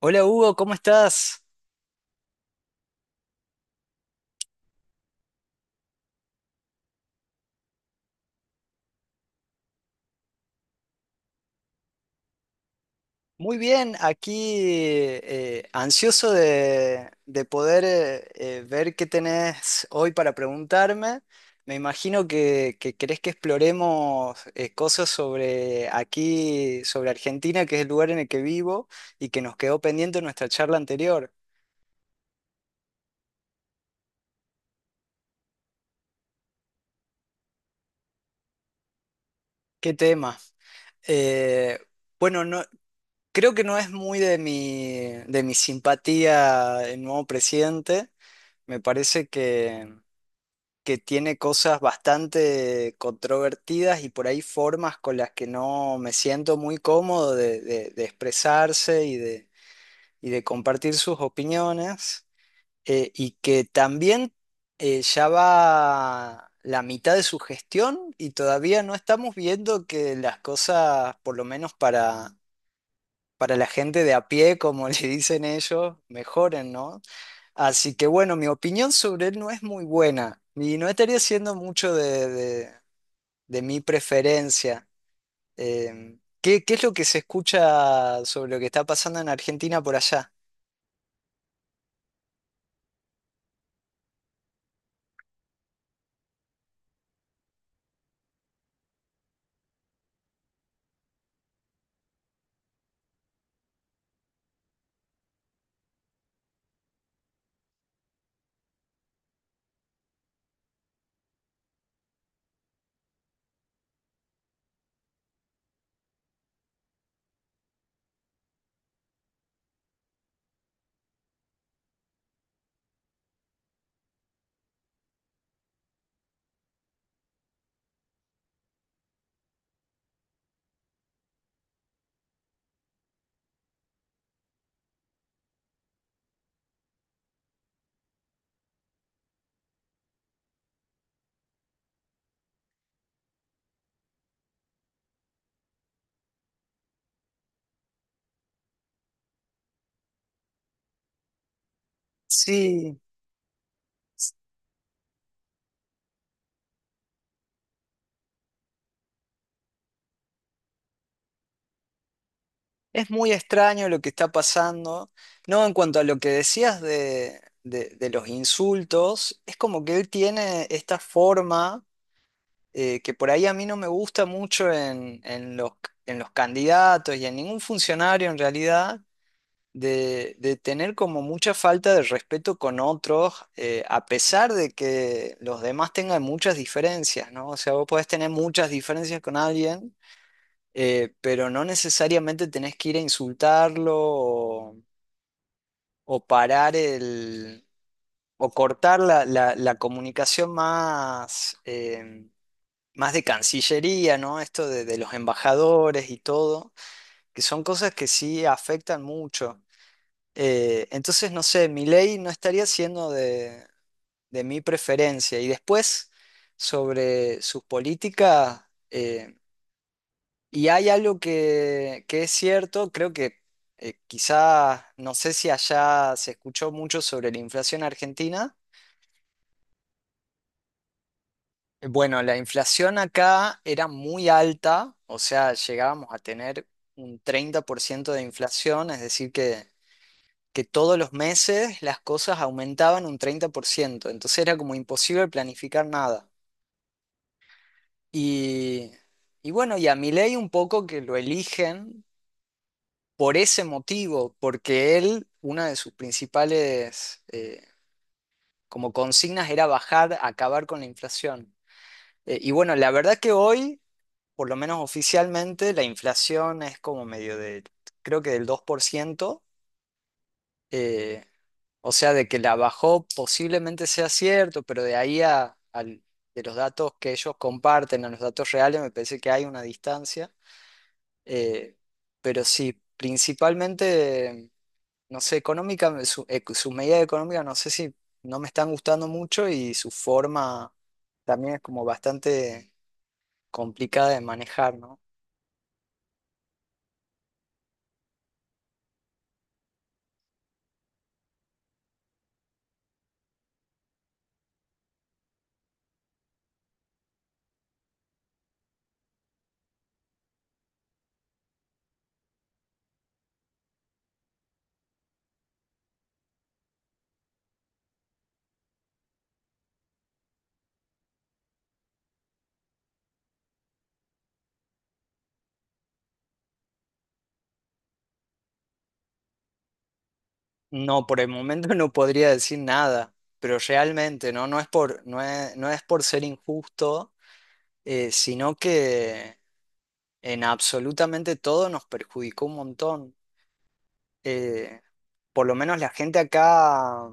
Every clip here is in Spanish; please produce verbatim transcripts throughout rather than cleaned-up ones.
Hola Hugo, ¿cómo estás? Muy bien, aquí eh, ansioso de, de poder eh, eh, ver qué tenés hoy para preguntarme. Me imagino que, que querés que exploremos eh, cosas sobre aquí, sobre Argentina, que es el lugar en el que vivo y que nos quedó pendiente en nuestra charla anterior. ¿Qué tema? Eh, bueno, no, creo que no es muy de mi, de mi simpatía el nuevo presidente. Me parece que, que tiene cosas bastante controvertidas y por ahí formas con las que no me siento muy cómodo de, de- de expresarse y de, y de compartir sus opiniones, eh, y que también eh, ya va la mitad de su gestión y todavía no estamos viendo que las cosas, por lo menos para para la gente de a pie, como le dicen ellos, mejoren, ¿no? Así que bueno, mi opinión sobre él no es muy buena y no estaría siendo mucho de, de- de mi preferencia. Em, ¿qué, qué es lo que se escucha sobre lo que está pasando en Argentina por allá? Sí, es muy extraño lo que está pasando. No, en cuanto a lo que decías de, de de los insultos, es como que él tiene esta forma eh, que por ahí a mí no me gusta mucho en, en los, en los candidatos y en ningún funcionario en realidad, de, de tener como mucha falta de respeto con otros, eh, a pesar de que los demás tengan muchas diferencias, ¿no? O sea, vos podés tener muchas diferencias con alguien, eh, pero no necesariamente tenés que ir a insultarlo o, o parar el... o cortar la, la- la comunicación más... em, más de Cancillería, ¿no? Esto de, de los embajadores y todo, que son cosas que sí afectan mucho. Eh, entonces, no sé, mi ley no estaría siendo de, de mi preferencia. Y después, sobre sus políticas, eh, y hay algo que, que es cierto, creo que eh, quizá, no sé si allá se escuchó mucho sobre la inflación argentina. Bueno, la inflación acá era muy alta, o sea, llegábamos a tener un treinta por ciento de inflación, es decir, que, que todos los meses las cosas aumentaban un treinta por ciento. Entonces era como imposible planificar nada. Y, y bueno, y a Milei un poco que lo eligen por ese motivo, porque él, una de sus principales eh, como consignas, era bajar, acabar con la inflación. Eh, y bueno, la verdad que hoy, por lo menos oficialmente, la inflación es como medio de, creo que del dos por ciento. eh, o sea, de que la bajó posiblemente sea cierto, pero de ahí a, al- de los datos que ellos comparten a los datos reales, me parece que hay una distancia. eh, pero sí, principalmente, no sé, económica, su- ec- sus medidas económicas, no sé, si no me están gustando mucho. Y su forma también es como bastante complicada de manejar, ¿no? No, por el momento no podría decir nada, pero realmente no, no es por, no es, no es por ser injusto, eh, sino que en absolutamente todo nos perjudicó un montón. Eh, por lo menos la gente acá,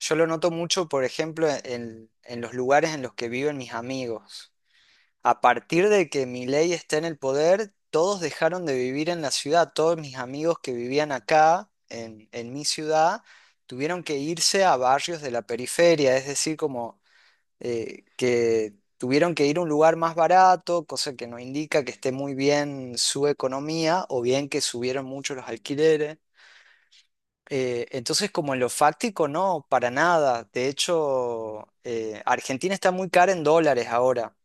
yo lo noto mucho, por ejemplo, en, en los lugares en los que viven mis amigos. A partir de que Milei está en el poder, todos dejaron de vivir en la ciudad. Todos mis amigos que vivían acá, en, en mi ciudad, tuvieron que irse a barrios de la periferia, es decir, como eh, que tuvieron que ir a un lugar más barato, cosa que no indica que esté muy bien su economía, o bien que subieron mucho los alquileres. Eh, entonces, como en lo fáctico, no, para nada. De hecho, eh, Argentina está muy cara en dólares ahora,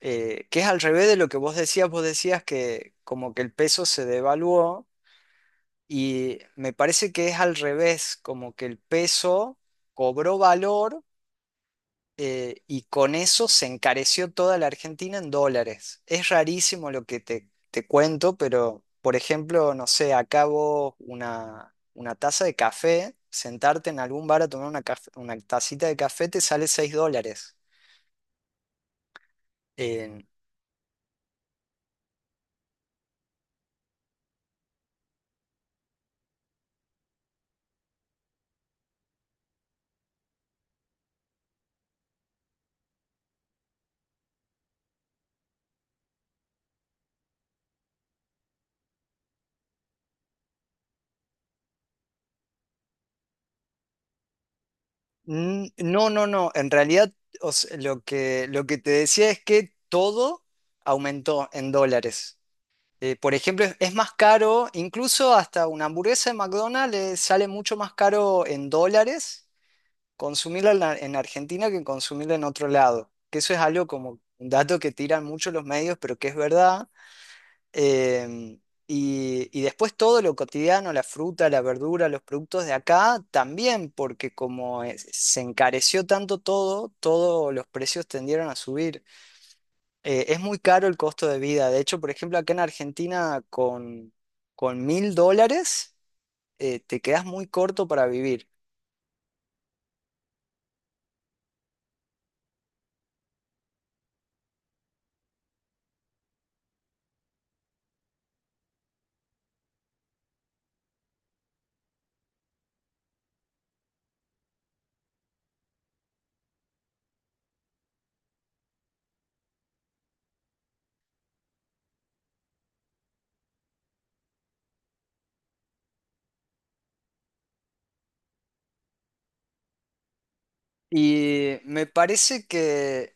eh, que es al revés de lo que vos decías, vos decías, que como que el peso se devaluó, y me parece que es al revés, como que el peso cobró valor, eh, y con eso se encareció toda la Argentina en dólares. Es rarísimo lo que te, te cuento, pero por ejemplo, no sé, acabo una, una taza de café, sentarte en algún bar a tomar una, caf- una tacita de café te sale seis dólares. Mm. No, no, no. En realidad, o sea, lo que, lo que te decía es que todo aumentó en dólares. Eh, por ejemplo, es, es más caro, incluso hasta una hamburguesa de McDonald's eh, sale mucho más caro en dólares consumirla en, la- en Argentina que consumirla en otro lado. Que eso es algo como un dato que tiran mucho los medios, pero que es verdad. Em, y, y después, todo lo cotidiano, la fruta, la verdura, los productos de acá, también, porque como es- se encareció tanto todo, todos los precios tendieron a subir. Eh, es muy caro el costo de vida. De hecho, por ejemplo, acá en Argentina, con, con mil dólares eh, te quedas muy corto para vivir. Y me parece que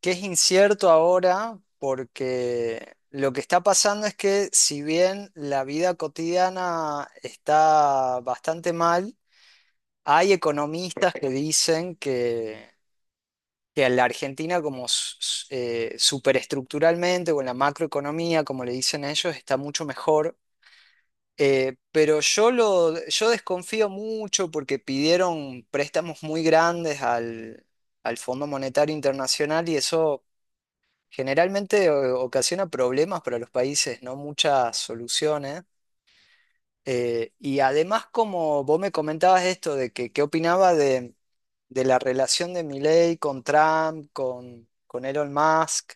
que es incierto ahora, porque lo que está pasando es que, si bien la vida cotidiana está bastante mal, hay economistas que dicen que, que a la Argentina como s- s- eh, superestructuralmente, o en la macroeconomía, como le dicen ellos, está mucho mejor. Eh, pero yo lo, yo desconfío mucho porque pidieron préstamos muy grandes al, al Fondo Monetario Internacional, y eso generalmente o- ocasiona problemas para los países, no muchas soluciones. Eh, y además, como vos me comentabas, esto de que qué opinaba de, de la relación de Milei con Trump, con, con Elon Musk,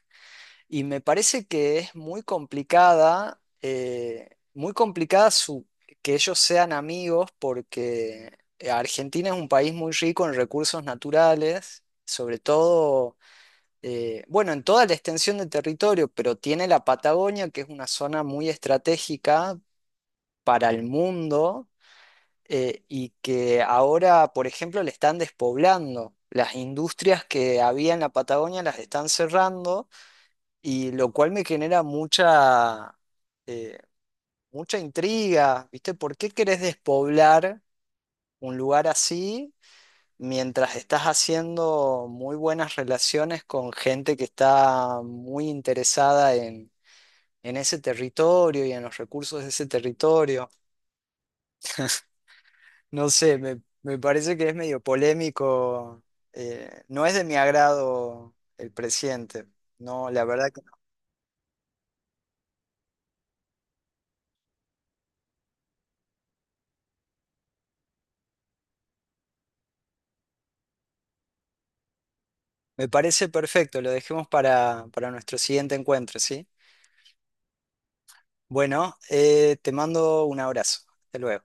y me parece que es muy complicada, eh, muy complicada su, que ellos sean amigos, porque Argentina es un país muy rico en recursos naturales, sobre todo, eh, bueno, en toda la extensión de territorio. Pero tiene la Patagonia, que es una zona muy estratégica para el mundo, eh, y que ahora, por ejemplo, le están despoblando. Las industrias que había en la Patagonia las están cerrando, y lo cual me genera mucha, eh, mucha intriga. ¿Viste? ¿Por qué querés despoblar un lugar así mientras estás haciendo muy buenas relaciones con gente que está muy interesada en, en ese territorio y en los recursos de ese territorio? No sé, me, me parece que es medio polémico. Eh, no es de mi agrado el presidente. No, la verdad que no. Me parece perfecto, lo dejemos para, para nuestro siguiente encuentro, ¿sí? Bueno, eh, te mando un abrazo. Hasta luego.